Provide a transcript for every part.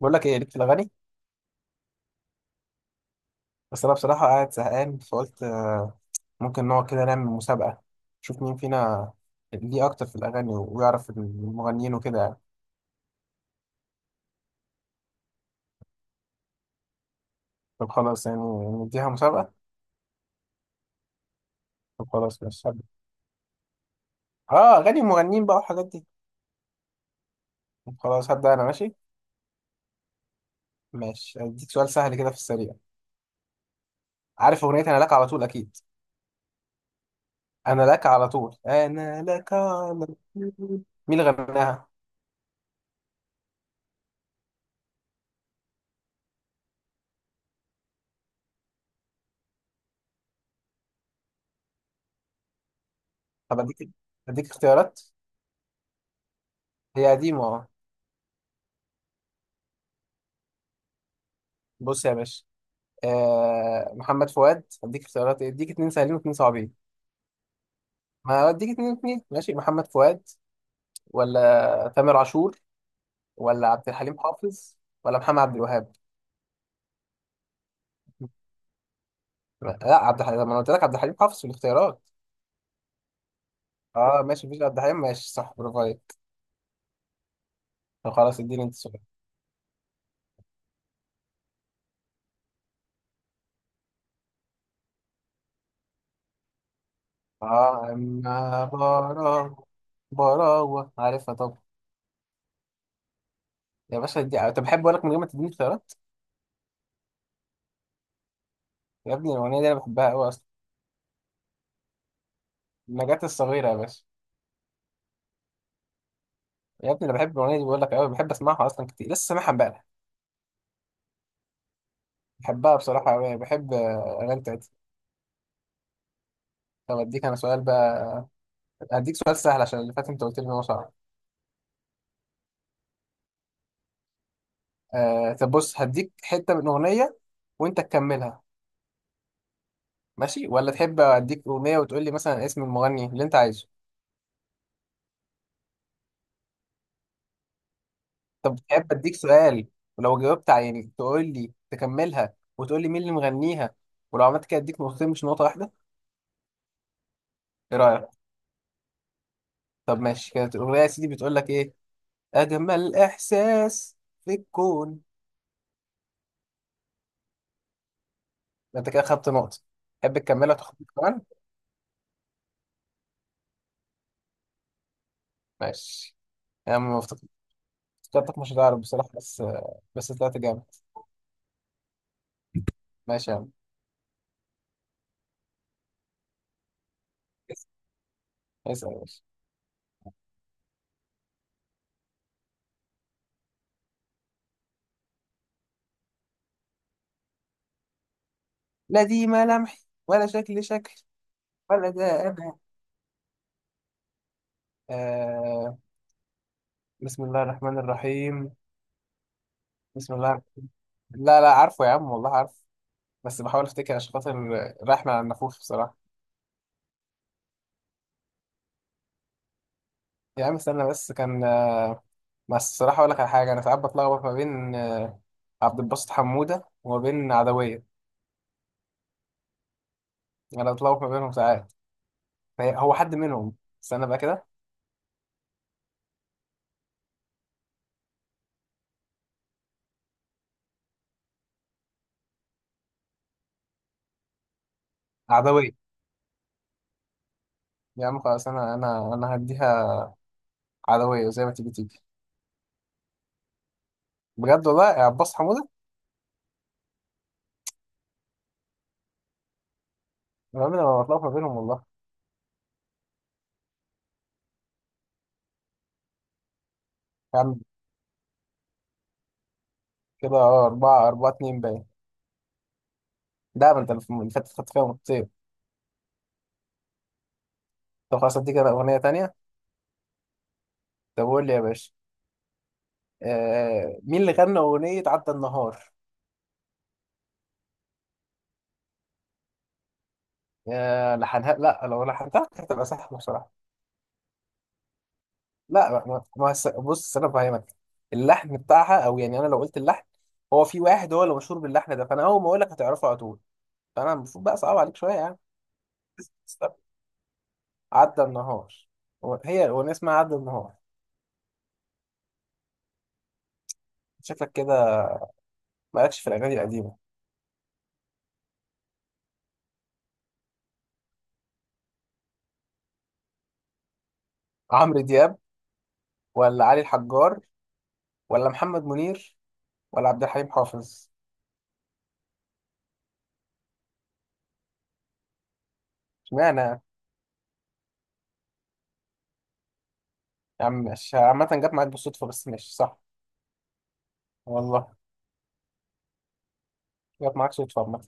بقول لك ايه ليك في الاغاني. بس انا بصراحه قاعد زهقان فقلت ممكن نقعد كده نعمل مسابقه، نشوف مين فينا ليه اكتر في الاغاني ويعرف المغنيين وكده يعني. طب خلاص يعني، نديها مسابقه. طب خلاص ماشي هبدأ. اه، اغاني المغنيين بقى والحاجات دي. طب خلاص هبدا انا ماشي. ماشي، اديك سؤال سهل كده في السريع. عارف اغنيه انا لك على طول؟ اكيد، انا لك على طول، انا لك على طول، مين اللي غناها؟ طب اديك اختيارات. هي قديمه اه. بص يا باشا، محمد فؤاد، اديك اختيارات إيه؟ اديك اتنين سهلين واتنين صعبين. ما اديك اتنين اتنين، ماشي. محمد فؤاد، ولا تامر عاشور، ولا عبد الحليم حافظ، ولا محمد عبد الوهاب. لا عبد الحليم، ما انا قلت لك عبد الحليم حافظ في الاختيارات. اه ماشي، مفيش عبد الحليم، ماشي صح، برافو عليك. طب خلاص اديني انت السؤال. اه، اما براوة، براوة عارفها طب. يا باشا دي، طب بحب اقول لك من غير ما تديني اختيارات. يا ابني الاغنيه دي انا بحبها قوي اصلا. النجاة الصغيره يا باشا. يا ابني انا بحب الاغنيه دي بقول لك، قوي بحب اسمعها اصلا كتير، لسه سامعها امبارح. بحبها بصراحة أوي، بحب أغاني بتاعتها. طب أديك أنا سؤال بقى. هديك سؤال سهل عشان اللي فات أنت قلت لي إن هو صعب. آه طب بص، هديك حتة من أغنية وأنت تكملها. ماشي، ولا تحب أديك أغنية وتقول لي مثلا اسم المغني اللي أنت عايزه. طب تحب أديك سؤال، ولو جاوبت يعني تقول لي تكملها وتقول لي مين اللي مغنيها، ولو عملت كده أديك نقطتين مش نقطة واحدة. إيه رأيك؟ طب ماشي، كانت الأغنية يا سيدي بتقول لك إيه. أجمل إحساس في الكون. أنت كده خدت نقطة، تحب تكملها وتاخد نقطة كمان. ماشي يا عم، مفتقد. افتكرتك مش هتعرف بصراحة بس، بس طلعت جامد. ماشي يا عم. اس- اسأل يا باشا. لا دي ملامح، ولا شكل شكل، ولا ده أنا. آه بسم الله الرحمن الرحيم. بسم الله. لا لا عارفه يا عم، والله عارف، بس بحاول افتكر عشان خاطر رايح مع النفوس بصراحة. يا عم استنى بس، كان بس الصراحة أقول لك على حاجة، أنا ساعات بتلخبط ما بين عبد الباسط حمودة وما بين عدوية. أنا بتلخبط ما بينهم ساعات، هو حد منهم. استنى بقى كده. عدوية. يا عم خلاص، انا هديها عدوية زي ما تيجي تيجي. بجد والله، يا عباس حمودة. انا عمري ما بطلع ما بينهم والله. يا عم كده اه، أربعة أربعة اتنين باين. ده ما انت اللي فاتت خدت فيها نقطتين. طب خلاص اديك انا أغنية تانية. طب قول لي يا باشا، مين اللي غنى أغنية عدى النهار؟ يا لحنها، لا لو لحنتها كانت هتبقى سهلة بصراحة. لا ما ما- ما هس- بص أنا فاهمك. اللحن بتاعها، أو يعني أنا لو قلت اللحن، هو في واحد هو اللي مشهور باللحن ده، فأنا أول ما أقول لك هتعرفه على طول. فأنا المفروض بقى صعب عليك شوية يعني. عدى النهار، هي الأغنية اسمها عدى النهار. شكلك كده مالكش في الأغاني القديمة. عمرو دياب، ولا علي الحجار، ولا محمد منير، ولا عبد الحليم حافظ. اشمعنى يا عم، ماشي عامة، جت معاك بالصدفة بس ماشي صح. والله جت معاك صدفة عامة.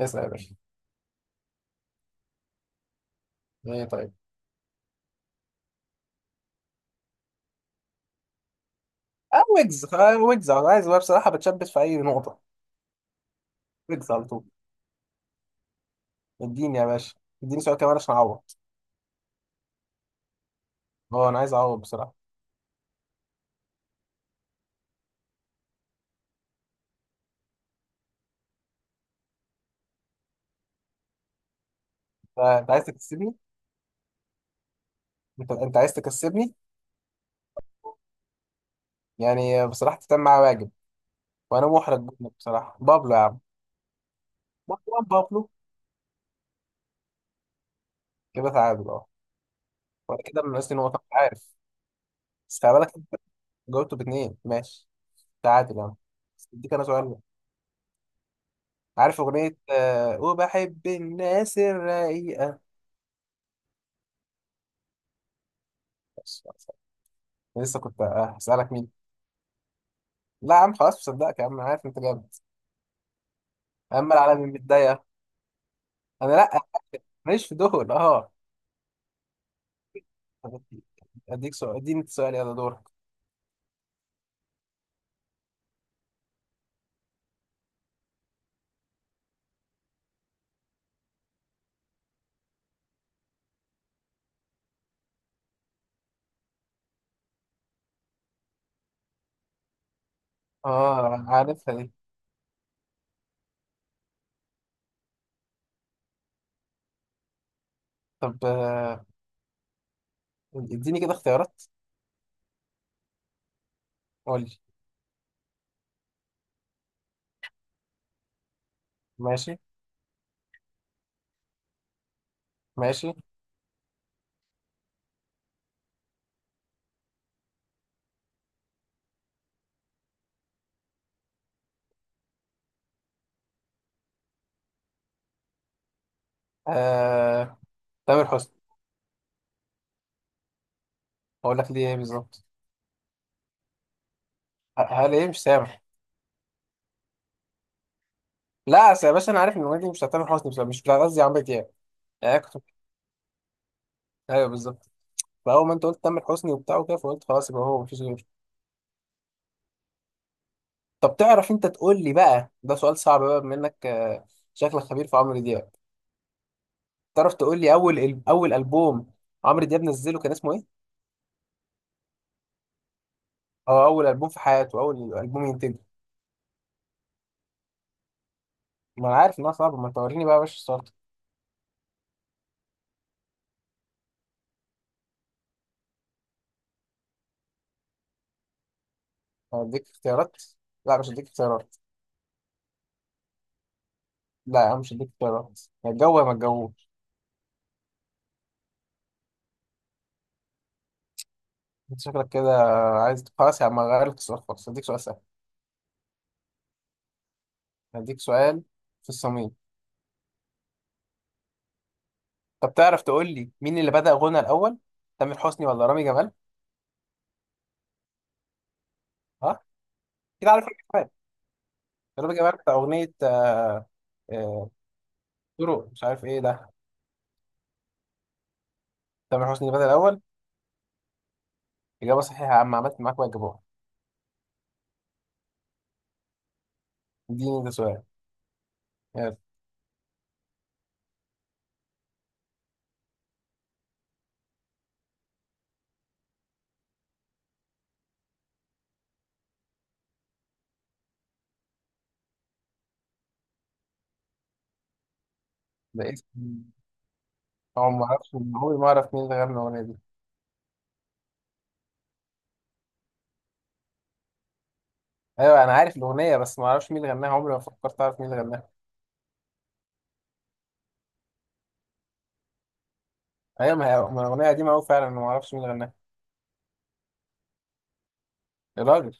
اسأل يا باشا. ايه طيب؟ اه ويجز أنا عايز بقى بصراحة، بتشبث في أي نقطة. ويجز على طول. اديني يا باشا، اديني سؤال كمان عشان أعوض. اه أنا عايز أعوض بصراحة. انت عايز تكسبني. انت عايز تكسبني. يعني بصراحة تتم معايا واجب، وانا محرج منك بصراحه. بابلو يا عم. مروان بابلو. كده تعادل اه. وانا كده ناقصني نقطه أنت عارف. بس خلي بالك انت، جاوبته باثنين ماشي. تعادل يعني. بس اديك انا سؤال بقى. عارف اغنيه وبحب الناس الرقيقه. بس خلاص. أنا لسه كنت هسالك مين. لا يا عم خلاص، مصدقك يا عم، انا عارف انت جامد. اما العالم متضايقه، انا لا ماليش في دول اه. طب اديك سؤال، اديني سؤال، يلا دورك. اه، عارفها دي. طب اديني كده اختيارات. قول لي. ماشي ماشي، آه... تامر حسني. اقول لك ليه ايه بالظبط. هل ايه مش سامح. لا أصل يا باشا، انا عارف ان الاغنيه دي مش بتاع تامر حسني، بس مش بتاع قصدي عمرو دياب. يعني أنا كنت، ايوه بالظبط. فاول ما انت قلت تامر حسني وبتاع وكده، فقلت خلاص يبقى هو مفيش غيره. طب تعرف انت تقول لي بقى، ده سؤال صعب بقى بما انك شكلك خبير في عمرو دياب. تعرف تقول لي اول اول البوم عمرو دياب نزله كان اسمه ايه؟ او اول البوم في حياته، اول البوم ينتجه. ما انا عارف انها صعبه، ما توريني بقى يا باشا السؤال ده. هديك اختيارات، لا مش هديك اختيارات. لا يا عم مش هديك اختيارات. يا الجو يا ما الجو. انت شكلك كده عايز، خلاص يا عم غير لك السؤال خالص، هديك سؤال سهل. هديك سؤال في الصميم. طب تعرف تقول لي مين اللي بدأ غنى الأول، تامر حسني ولا رامي جمال؟ ها، كده عارف رامي جمال. رامي جمال بتاع أغنية، آه، طرق مش عارف ايه ده. تامر حسني اللي بدأ الأول. إجابة صحيحة يا عم، عملت معاك واجبها. اديني ده سؤال، يلا. ده اسم. هو ما اعرفش، عمري ما اعرف مين اللي غنى الأغنية دي. ايوه انا عارف الأغنية، بس ما اعرفش مين اللي غناها، عمري ما فكرت اعرف مين اللي غناها. ايوه، ما هي ما الأغنية قديمة أوي فعلا، أنا ما اعرفش مين اللي غناها. الراجل.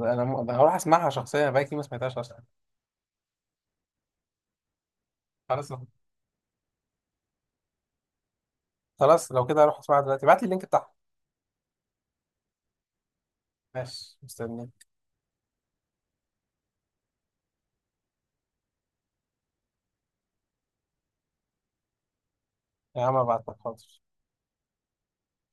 أنا هروح اسمعها شخصيا، أنا بقالي كتير ما سمعتهاش اصلا. خلاص خلاص، لو كده هروح اسمعها دلوقتي، ابعت لي اللينك بتاعها. ماشي مستني. يا عم ابعت لك حاضر.